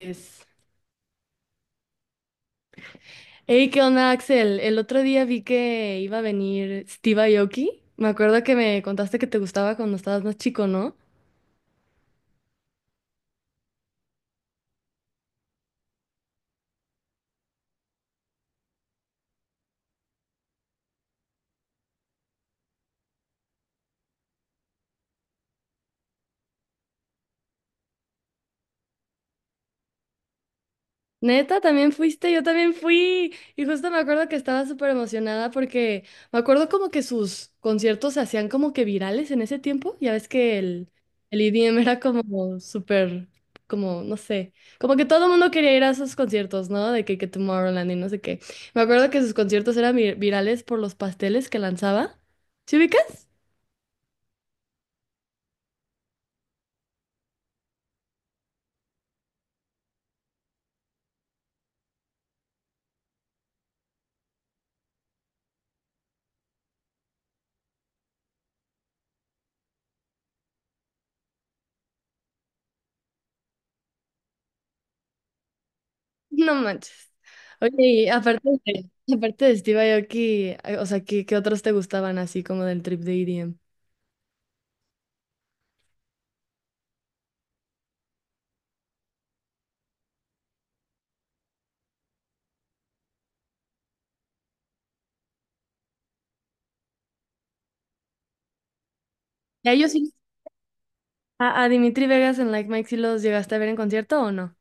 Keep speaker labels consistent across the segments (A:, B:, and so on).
A: Es. Hey, ¿qué onda, Axel? El otro día vi que iba a venir Steve Aoki. Me acuerdo que me contaste que te gustaba cuando estabas más chico, ¿no? Neta, también fuiste, yo también fui. Y justo me acuerdo que estaba súper emocionada porque me acuerdo como que sus conciertos se hacían como que virales en ese tiempo. Ya ves que el EDM era como súper, como, no sé, como que todo el mundo quería ir a sus conciertos, ¿no? De que Tomorrowland y no sé qué. Me acuerdo que sus conciertos eran virales por los pasteles que lanzaba. ¿Sí ubicas? No manches. Oye, y aparte de Steve Aoki, o sea, qué otros te gustaban así como del trip de EDM? Ya ellos sí. A Dimitri Vegas en Like Mike sí los llegaste a ver en concierto o no.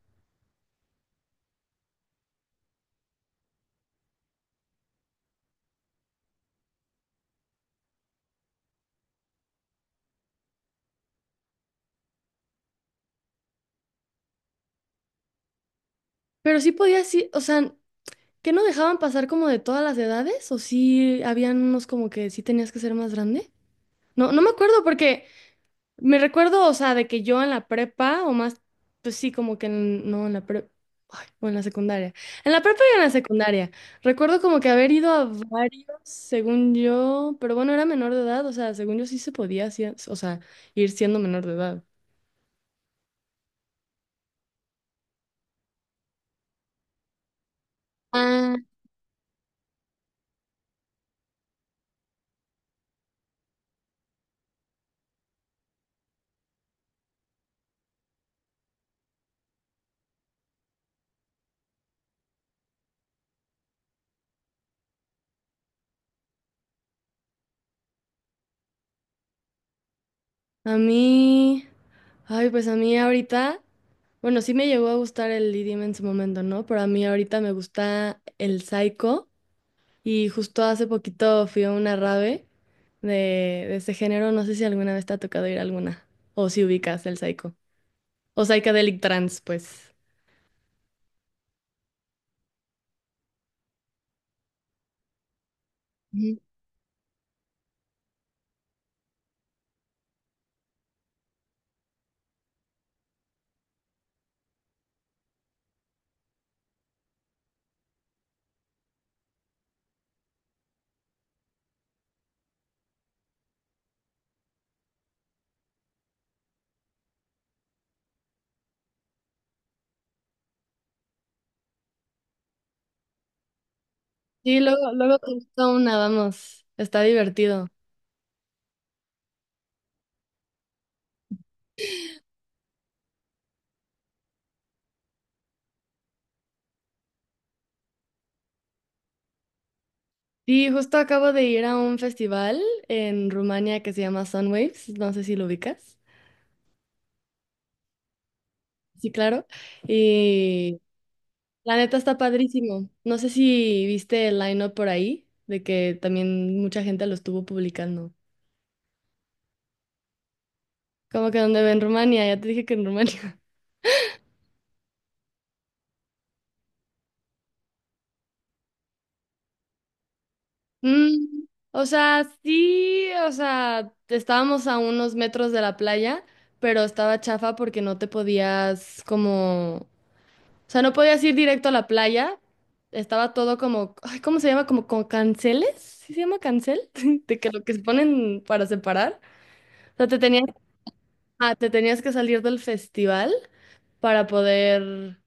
A: Pero sí podía, sí, o sea, ¿que no dejaban pasar como de todas las edades? ¿O sí habían unos como que sí tenías que ser más grande? No, no me acuerdo porque me recuerdo, o sea, de que yo en la prepa o más, pues sí, como que no en la prepa. O en la secundaria. En la prepa y en la secundaria. Recuerdo como que haber ido a varios, según yo, pero bueno, era menor de edad, o sea, según yo sí se podía, sí, o sea, ir siendo menor de edad. Ah, a mí, ay, pues a mí ahorita, bueno, sí me llegó a gustar el idioma en su momento, ¿no? Pero a mí ahorita me gusta el psycho y justo hace poquito fui a una rave de ese género, no sé si alguna vez te ha tocado ir a alguna o si ubicas el psycho o psychedelic trance, pues. Ujú. Sí, luego te gusta una, vamos, está divertido. Sí, justo acabo de ir a un festival en Rumania que se llama Sunwaves, no sé si lo ubicas. Sí, claro. La neta está padrísimo. No sé si viste el line-up por ahí, de que también mucha gente lo estuvo publicando. Como que donde ve en Rumania, ya te dije que en Rumania. Mm, o sea, sí, o sea, estábamos a unos metros de la playa, pero estaba chafa porque no te podías como, o sea, no podías ir directo a la playa. Estaba todo como, ay, ¿cómo se llama? Como con canceles, ¿sí se llama cancel? De que lo que se ponen para separar. O sea, te tenías... Ah, te tenías que salir del festival para poder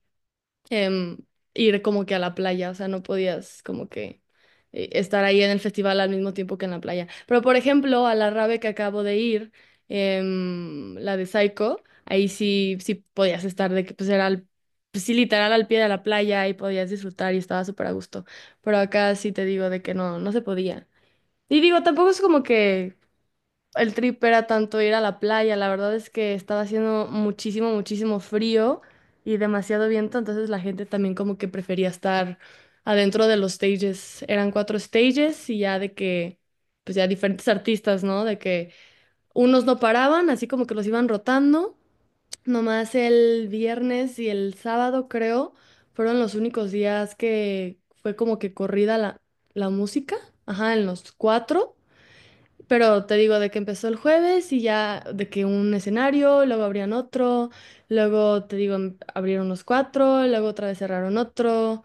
A: em, ir como que a la playa, o sea, no podías como que estar ahí en el festival al mismo tiempo que en la playa. Pero por ejemplo, a la rave que acabo de ir, la de Psycho, ahí sí, sí podías estar de que pues era al, pues, sí, literal al pie de la playa y podías disfrutar y estaba súper a gusto. Pero acá sí te digo de que no, no se podía. Y digo, tampoco es como que el trip era tanto ir a la playa, la verdad es que estaba haciendo muchísimo, muchísimo frío y demasiado viento, entonces la gente también como que prefería estar adentro de los stages. Eran cuatro stages y ya de que, pues ya diferentes artistas, ¿no? De que unos no paraban, así como que los iban rotando. Nomás el viernes y el sábado, creo, fueron los únicos días que fue como que corrida la música, ajá, en los cuatro. Pero te digo de que empezó el jueves y ya de que un escenario, luego abrían otro, luego te digo abrieron los cuatro, luego otra vez cerraron otro.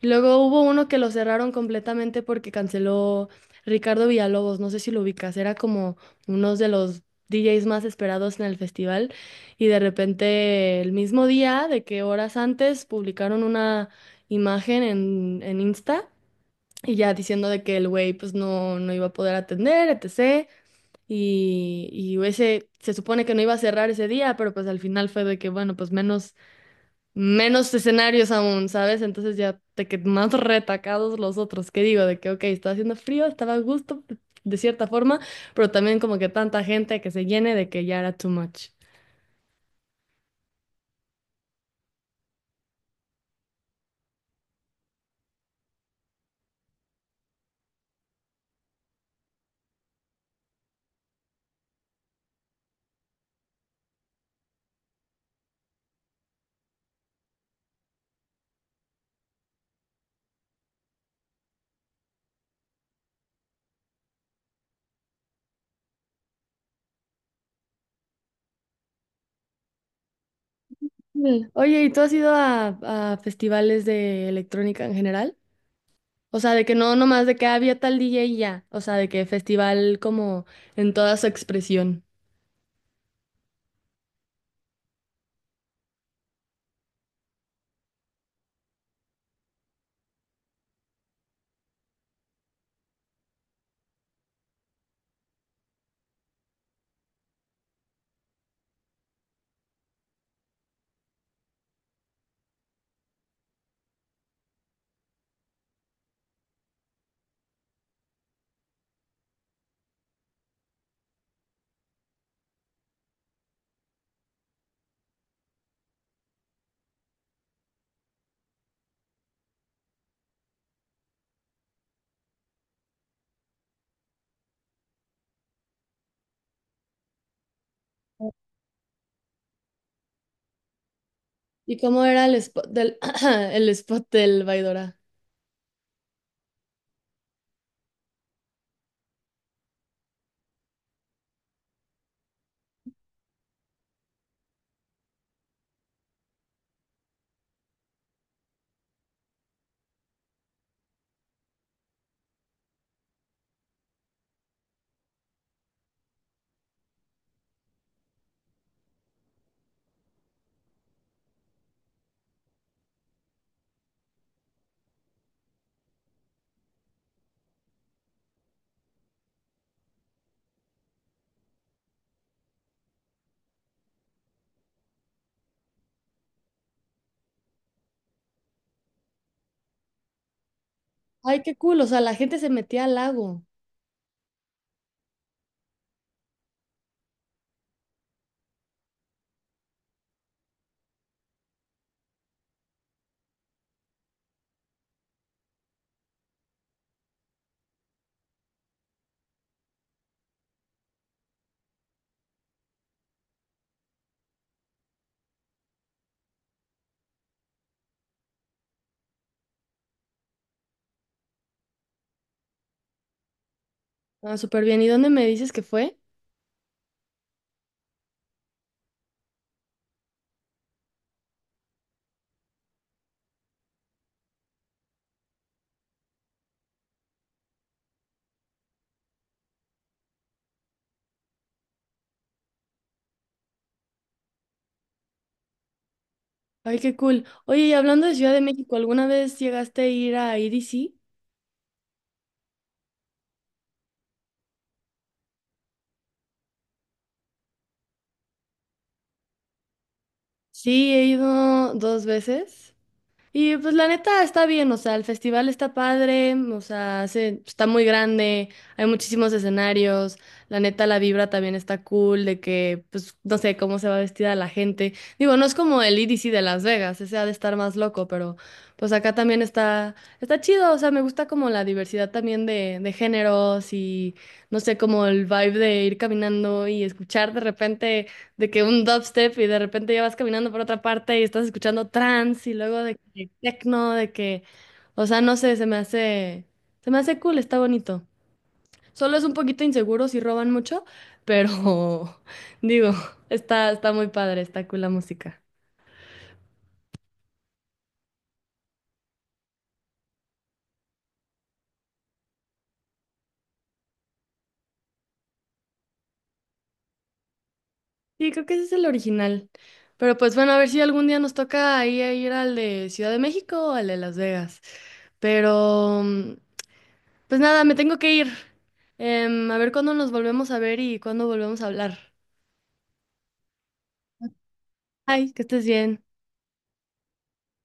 A: Y luego hubo uno que lo cerraron completamente porque canceló Ricardo Villalobos, no sé si lo ubicas, era como uno de los DJs más esperados en el festival y de repente el mismo día, de que horas antes publicaron una imagen en Insta. Y ya diciendo de que el güey pues no, no iba a poder atender, etc. Y, y ese se supone que no iba a cerrar ese día, pero pues al final fue de que, bueno, pues menos, menos escenarios aún, ¿sabes? Entonces ya te que más retacados los otros, que digo, de que, ok, estaba haciendo frío, estaba a gusto de cierta forma, pero también como que tanta gente que se llene de que ya era too much. Mm. Oye, ¿y tú has ido a festivales de electrónica en general? O sea, de que no, nomás de que había tal DJ y ya, o sea, de que festival como en toda su expresión. ¿Y cómo era el spot del, el spot del Baidora? Ay, qué cool. O sea, la gente se metía al lago. Ah, súper bien. ¿Y dónde me dices que fue? Ay, qué cool. Oye, y hablando de Ciudad de México, ¿alguna vez llegaste a ir a IDC? Sí, he ido 2 veces. Y pues la neta está bien, o sea, el festival está padre, o sea, está muy grande, hay muchísimos escenarios, la neta la vibra también está cool, de que, pues, no sé cómo se va vestida la gente. Digo, no es como el EDC de Las Vegas, ese ha de estar más loco, pero pues acá también está, está chido, o sea, me gusta como la diversidad también de géneros y, no sé, como el vibe de ir caminando y escuchar de repente de que un dubstep y de repente ya vas caminando por otra parte y estás escuchando trance y luego de que techno, de que, o sea, no sé, se me hace cool, está bonito. Solo es un poquito inseguro si roban mucho, pero digo, está, está muy padre, está cool la música. Sí, creo que ese es el original. Pero pues bueno, a ver si algún día nos toca ahí a ir al de Ciudad de México o al de Las Vegas. Pero... pues nada, me tengo que ir. Em, a ver cuándo nos volvemos a ver y cuándo volvemos a hablar. Ay, que estés bien.